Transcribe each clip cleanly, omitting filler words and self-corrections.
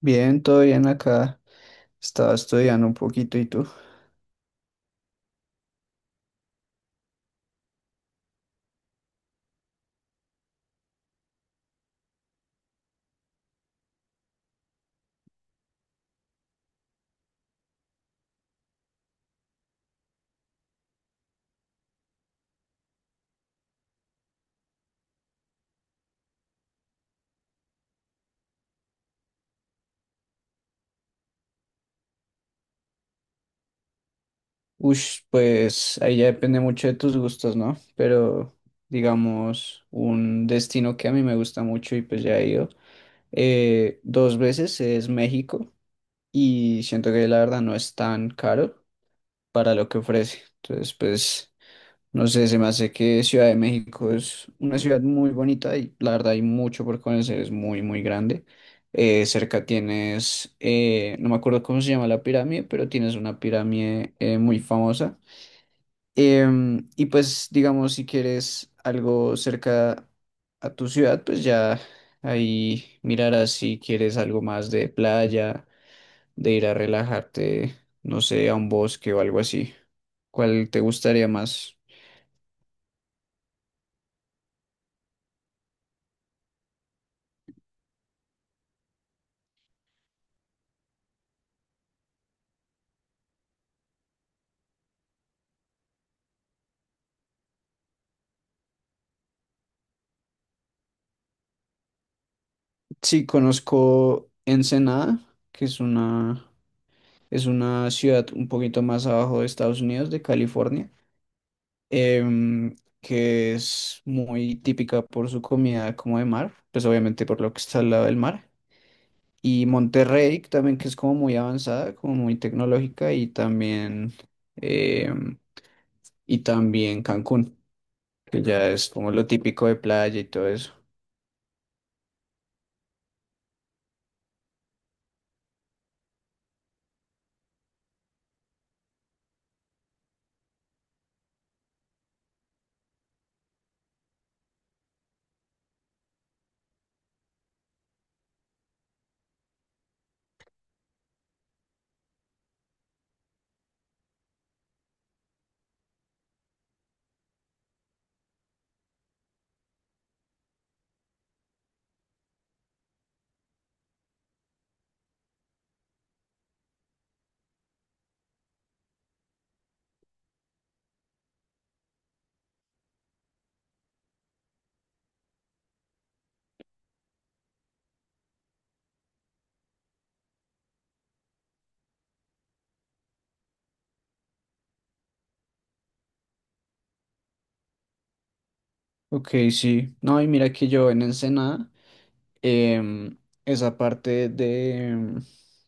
Bien, todo bien acá. Estaba estudiando un poquito, ¿y tú? Ush, pues ahí ya depende mucho de tus gustos, ¿no? Pero digamos, un destino que a mí me gusta mucho y pues ya he ido dos veces es México, y siento que la verdad no es tan caro para lo que ofrece. Entonces, pues no sé, se me hace que Ciudad de México es una ciudad muy bonita y la verdad hay mucho por conocer, es muy, muy grande. Cerca tienes, no me acuerdo cómo se llama la pirámide, pero tienes una pirámide muy famosa. Y pues, digamos, si quieres algo cerca a tu ciudad, pues ya ahí mirarás si quieres algo más de playa, de ir a relajarte, no sé, a un bosque o algo así. ¿Cuál te gustaría más? Sí, conozco Ensenada, que es una ciudad un poquito más abajo de Estados Unidos, de California, em, que es muy típica por su comida como de mar, pues obviamente por lo que está al lado del mar. Y Monterrey que también, que es como muy avanzada, como muy tecnológica, y también, em, y también Cancún, que ya es como lo típico de playa y todo eso. Ok, sí. No, y mira que yo en Ensenada, em, esa parte de,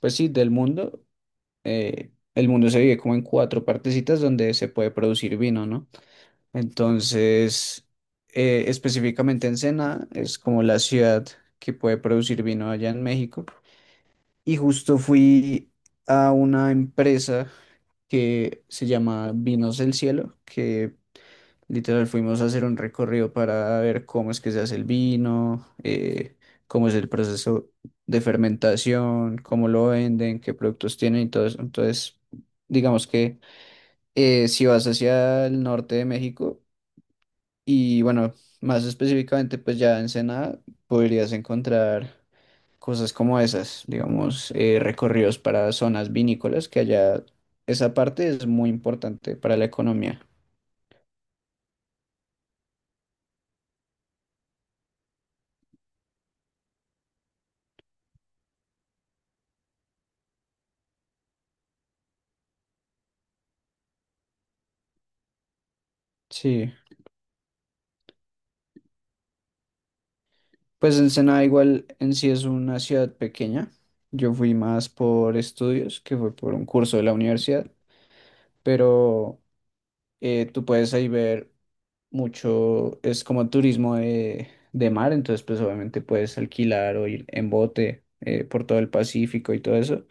pues sí, del mundo, el mundo se divide como en cuatro partecitas donde se puede producir vino, ¿no? Entonces, específicamente Ensenada es como la ciudad que puede producir vino allá en México. Y justo fui a una empresa que se llama Vinos del Cielo, que literal, fuimos a hacer un recorrido para ver cómo es que se hace el vino, cómo es el proceso de fermentación, cómo lo venden, qué productos tienen y todo eso. Entonces, digamos que si vas hacia el norte de México y bueno, más específicamente pues ya en Ensenada, podrías encontrar cosas como esas, digamos, recorridos para zonas vinícolas, que allá esa parte es muy importante para la economía. Sí. Pues Ensenada igual en sí es una ciudad pequeña. Yo fui más por estudios, que fue por un curso de la universidad, pero tú puedes ahí ver mucho, es como turismo de, mar, entonces pues obviamente puedes alquilar o ir en bote por todo el Pacífico y todo eso.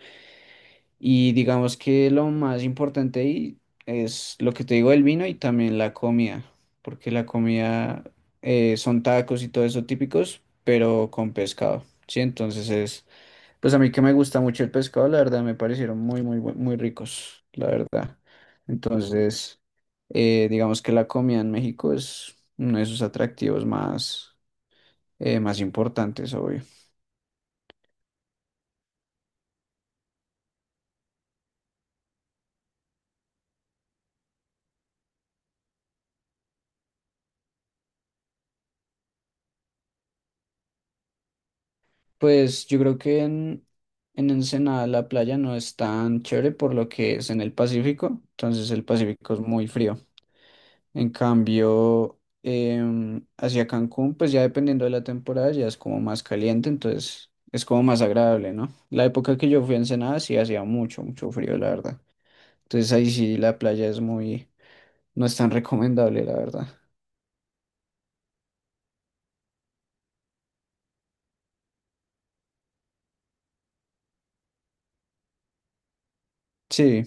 Y digamos que lo más importante ahí es lo que te digo del vino y también la comida, porque la comida son tacos y todo eso típicos, pero con pescado, ¿sí? Entonces es, pues a mí que me gusta mucho el pescado, la verdad me parecieron muy, muy, muy ricos, la verdad. Entonces, digamos que la comida en México es uno de sus atractivos más importantes, obvio. Pues yo creo que en Ensenada la playa no es tan chévere por lo que es en el Pacífico, entonces el Pacífico es muy frío. En cambio, hacia Cancún, pues ya dependiendo de la temporada, ya es como más caliente, entonces es como más agradable, ¿no? La época que yo fui a Ensenada sí hacía mucho, mucho frío, la verdad. Entonces ahí sí la playa es muy, no es tan recomendable, la verdad. Sí,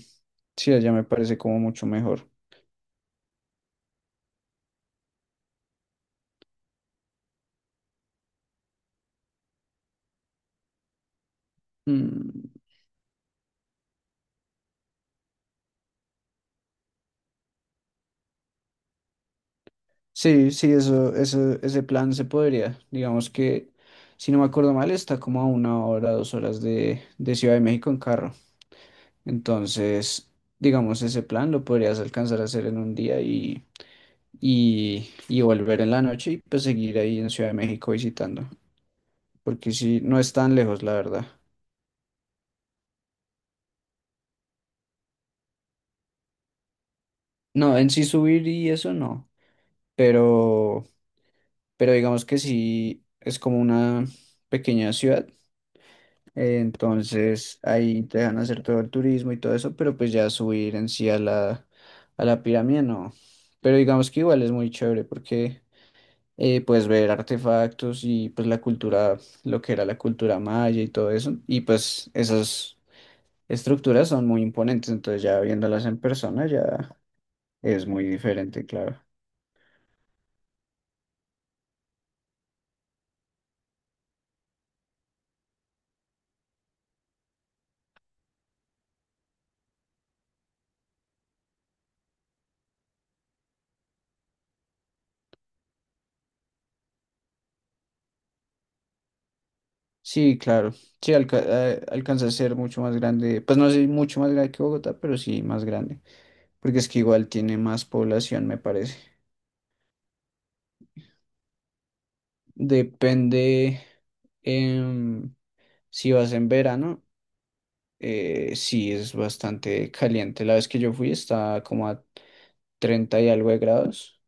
sí, allá me parece como mucho mejor. Mm. Sí, sí, eso, ese plan se podría. Digamos que, si no me acuerdo mal, está como a una hora, 2 horas de, Ciudad de México en carro. Entonces, digamos, ese plan lo podrías alcanzar a hacer en un día y volver en la noche y pues seguir ahí en Ciudad de México visitando. Porque sí, no es tan lejos, la verdad. No, en sí subir y eso no. Pero, pero digamos que sí, es como una pequeña ciudad. Entonces ahí te dejan hacer todo el turismo y todo eso, pero pues ya subir en sí a la pirámide no. Pero digamos que igual es muy chévere porque puedes ver artefactos y pues la cultura, lo que era la cultura maya y todo eso. Y pues esas estructuras son muy imponentes, entonces ya viéndolas en persona ya es muy diferente, claro. Sí, claro. Sí, alcanza a ser mucho más grande. Pues no sé, mucho más grande que Bogotá, pero sí más grande, porque es que igual tiene más población, me parece. Depende, em, si vas en verano, sí es bastante caliente. La vez que yo fui estaba como a 30 y algo de grados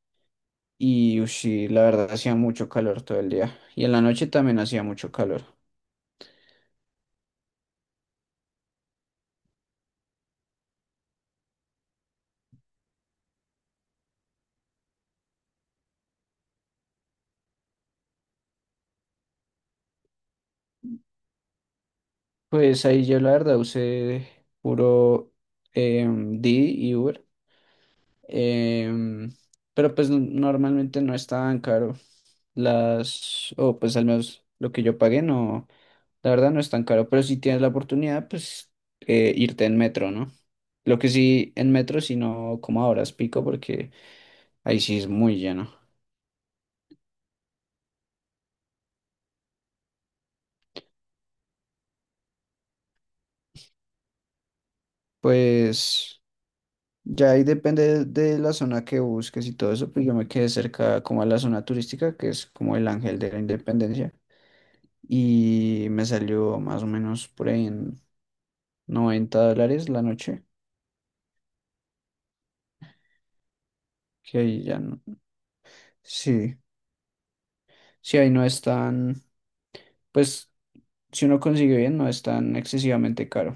y ush, sí, la verdad hacía mucho calor todo el día y en la noche también hacía mucho calor. Pues ahí yo la verdad usé puro Didi y Uber, em, pero pues normalmente no es tan caro. Las, o pues al menos lo que yo pagué, no, la verdad no es tan caro, pero si tienes la oportunidad, pues irte en metro, ¿no? Lo que sí, en metro, sino como ahora es pico, porque ahí sí es muy lleno. Pues ya ahí depende de, la zona que busques y todo eso, pues yo me quedé cerca como a la zona turística, que es como el Ángel de la Independencia, y me salió más o menos por ahí en $90 la noche, que ahí ya no. Sí. Sí, ahí no están. Pues si uno consigue bien, no es tan excesivamente caro.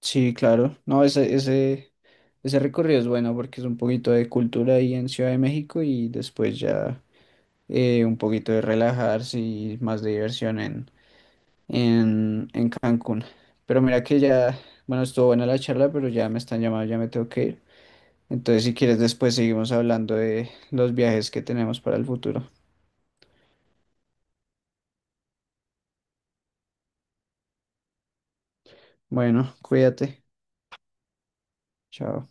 Sí, claro. No, ese recorrido es bueno porque es un poquito de cultura ahí en Ciudad de México y después ya un poquito de relajarse y más de diversión en, en Cancún. Pero mira que ya, bueno, estuvo buena la charla, pero ya me están llamando, ya me tengo que ir. Entonces, si quieres, después seguimos hablando de los viajes que tenemos para el futuro. Bueno, cuídate. Chao.